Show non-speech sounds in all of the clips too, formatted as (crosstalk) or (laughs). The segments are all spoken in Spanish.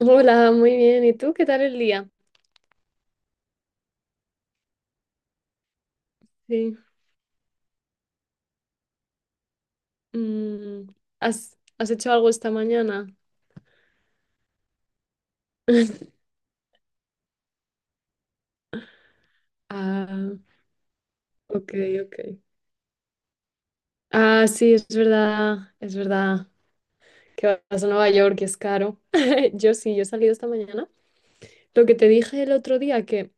Hola, muy bien. ¿Y tú qué tal el día? Sí. Mm, ¿¿Has hecho algo esta mañana? (laughs) Ah, ok, ok. Ah, sí, es verdad, es verdad. Que vas a Nueva York y es caro. (laughs) Yo sí, yo he salido esta mañana. Lo que te dije el otro día, que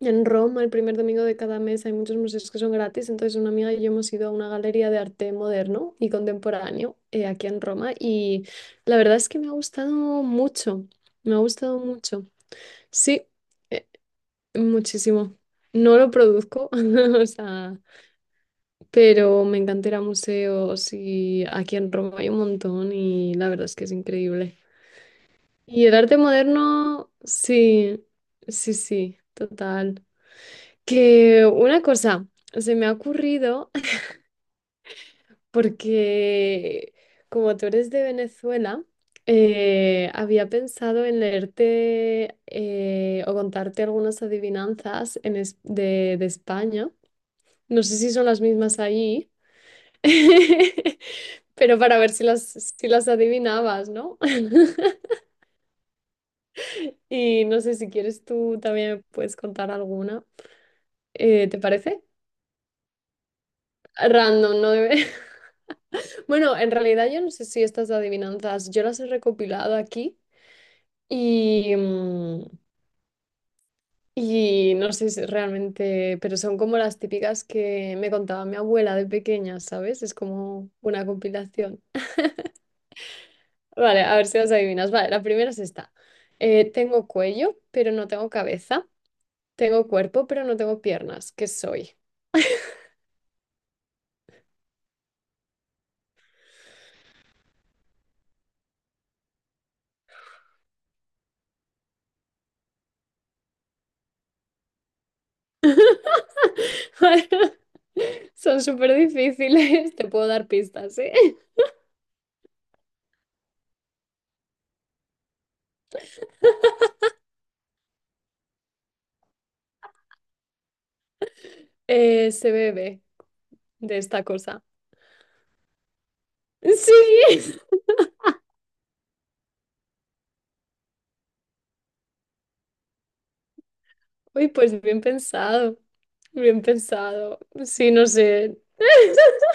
en Roma, el primer domingo de cada mes, hay muchos museos que son gratis. Entonces, una amiga y yo hemos ido a una galería de arte moderno y contemporáneo aquí en Roma. Y la verdad es que me ha gustado mucho. Me ha gustado mucho. Sí, eh, muchísimo. No lo produzco, (laughs) o sea, pero me encanta ir a museos y aquí en Roma hay un montón y la verdad es que es increíble. Y el arte moderno, sí, sí, sí, total. Que una cosa se me ha ocurrido (laughs) porque como tú eres de Venezuela, había pensado en leerte o contarte algunas adivinanzas de España. No sé si son las mismas allí, (laughs) pero para ver si las, si las adivinabas, ¿no? (laughs) Y no sé si quieres tú también me puedes contar alguna. ¿Te parece? Random, ¿no? (laughs) Bueno, en realidad yo no sé si estas adivinanzas, yo las he recopilado aquí y, y no sé si realmente, pero son como las típicas que me contaba mi abuela de pequeña, ¿sabes? Es como una compilación. Vale, a ver si las adivinas. Vale, la primera es esta. Tengo cuello, pero no tengo cabeza. Tengo cuerpo, pero no tengo piernas. ¿Qué soy? (laughs) Vale, son súper difíciles. Te puedo dar pistas, ¿eh? Se bebe de esta cosa. Sí. (laughs) Uy, pues bien pensado. Bien pensado. Sí, no sé. (laughs)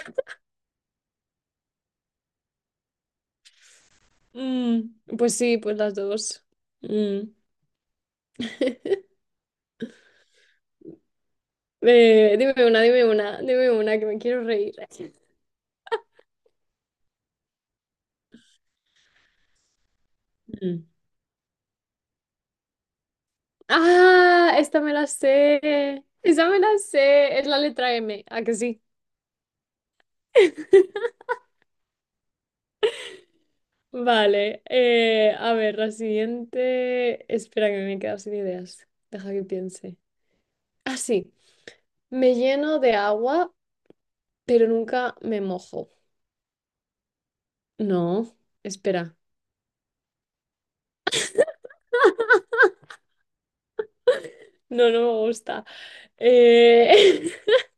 Mm, pues sí, pues las dos. Mm. (laughs) Dime una, dime una, dime una, que me quiero reír. Mm. Ah, esta me la sé. Esa me la sé. Es la letra M. ¿A que sí? (laughs) Vale. A ver, la siguiente. Espera que me he quedado sin ideas. Deja que piense. Ah, sí. Me lleno de agua, pero nunca me mojo. No, espera. No, no me gusta. Eh, (laughs)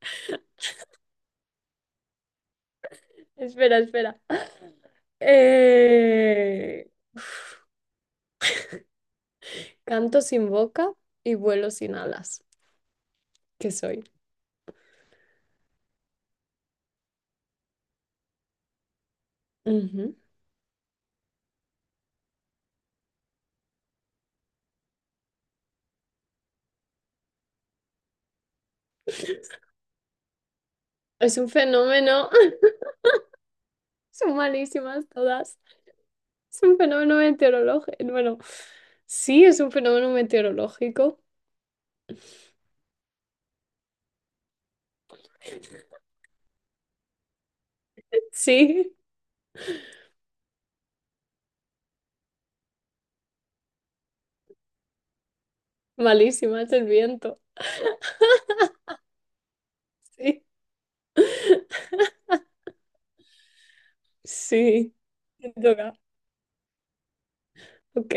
Espera, espera. Uf. Canto sin boca y vuelo sin alas. ¿Qué soy? Ujú. Es un fenómeno, (laughs) son malísimas todas. Es un fenómeno meteorológico. Bueno, sí, es un fenómeno meteorológico. Sí, malísima, es el viento. (laughs) Sí, sí, me toca. Ok.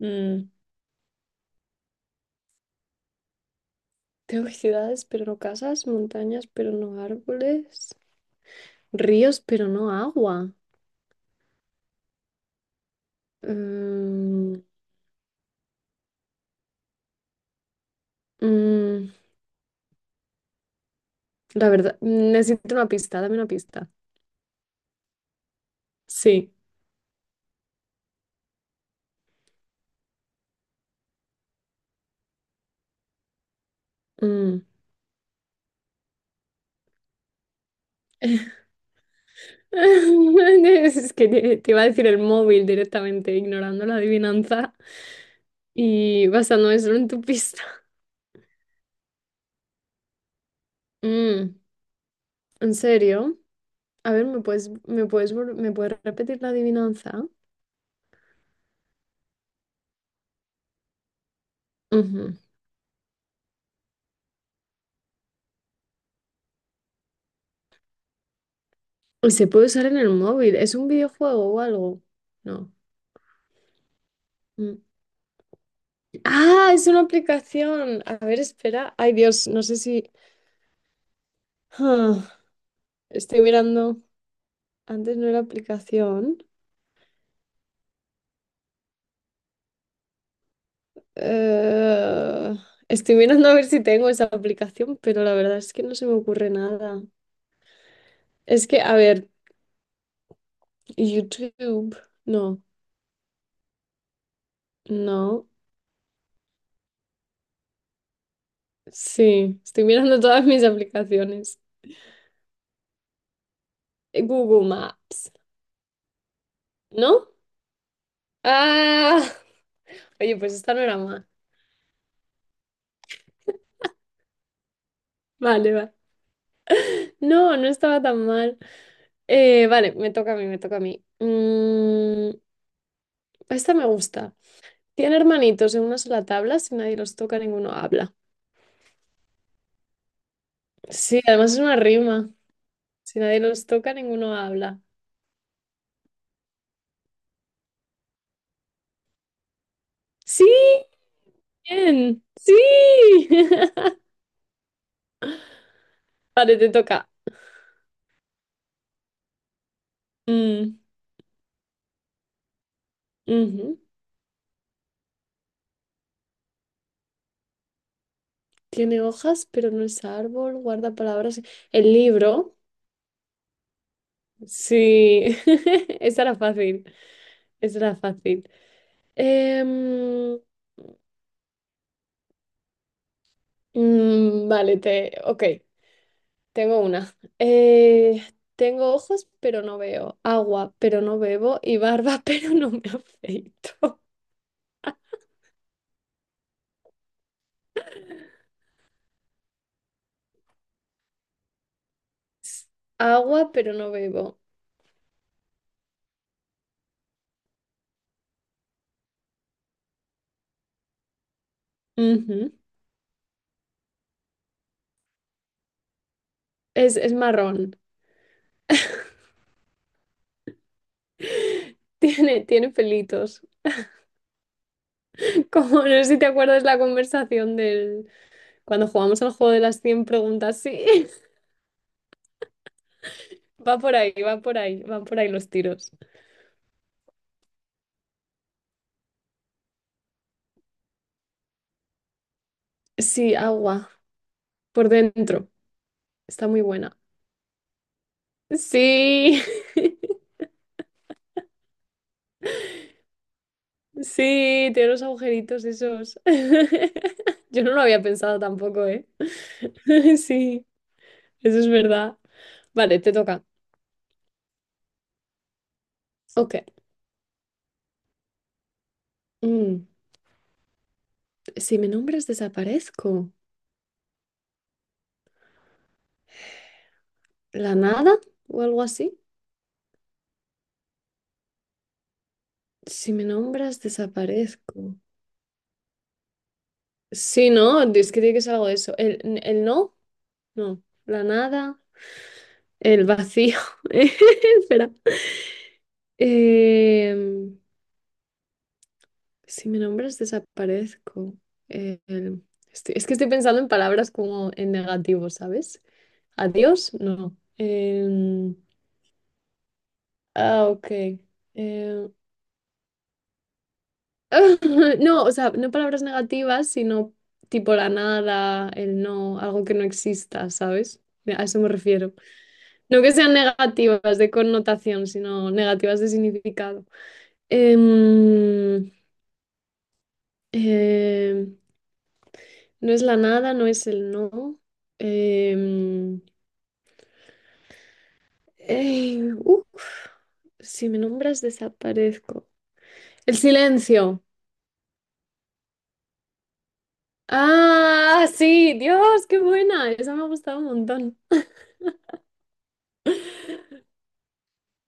Mm, tengo ciudades, pero no casas, montañas, pero no árboles, ríos, pero no agua. Mm, mm, La verdad, necesito una pista, dame una pista. Sí. mm. (laughs) (laughs) Es que te iba a decir el móvil directamente, ignorando la adivinanza y basándome solo en tu pista. Mm, ¿en serio? A ver, ¿ me puedes repetir la adivinanza? Ujú. Y se puede usar en el móvil. ¿Es un videojuego o algo? No. Mm. Ah, es una aplicación. A ver, espera. Ay, Dios, no sé si... (sighs) Ah, estoy mirando. Antes no era aplicación. Eh, estoy mirando a ver si tengo esa aplicación, pero la verdad es que no se me ocurre nada. Es que, a ver, YouTube, no, no, sí, estoy mirando todas mis aplicaciones. Google Maps, ¿no? Ah, (laughs) oye, pues esta no era mal. Vale, va. No, no estaba tan mal. Vale, me toca a mí, me toca a mí. Mm, esta me gusta. Tiene hermanitos en una sola tabla, si nadie los toca, ninguno habla. Sí, además es una rima. Si nadie los toca, ninguno habla. ¡Sí! ¡Bien! ¡Sí! (laughs) Vale, te toca. Mm, ujú. Tiene hojas, pero no es árbol. Guarda palabras. El libro. Sí. (laughs) Esa era fácil. Esa era fácil. Em, vale, te. Ok, tengo una. Tengo ojos, pero no veo. Agua, pero no bebo. Y barba, (laughs) pero no me afeito. Agua, pero no bebo. Ujú. Es marrón. (laughs) Tiene, tiene pelitos. (laughs) Como no sé si te acuerdas la conversación del cuando jugamos al juego de las 100 preguntas. Sí, (laughs) va por ahí, van por ahí los tiros. Sí, agua, por dentro. Está muy buena. Sí, (laughs) sí, tiene los agujeritos esos. (laughs) Yo no lo había pensado tampoco, ¿eh? (laughs) Sí, eso es verdad. Vale, te toca. Ok. Mm. Si me nombras, desaparezco. ¿La nada o algo así? Si me nombras, desaparezco. Sí, no, es que tiene que ser algo de eso. El no, no. La nada, el vacío. (laughs) Espera. Em, si me nombras, desaparezco. El- es que estoy pensando en palabras como en negativo, ¿sabes? Adiós, no. Ah, ok. Em, (laughs) No, o sea, no palabras negativas, sino tipo la nada, el no, algo que no exista, ¿sabes? A eso me refiero. No que sean negativas de connotación, sino negativas de significado. Em, em, no es la nada, no es el no. Em, eh, uf, si me nombras, desaparezco. El silencio. Ah, sí, Dios, qué buena. Esa me ha gustado un montón.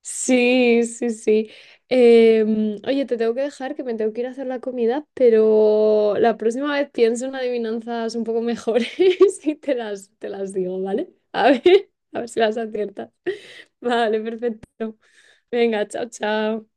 Sí, sí, sí. Oye, te tengo que dejar que me tengo que ir a hacer la comida, pero la próxima vez pienso en adivinanzas un poco mejores (laughs) y te las digo, ¿vale? A ver, (laughs) a ver si las aciertas. Vale, perfecto. Venga, chao, chao.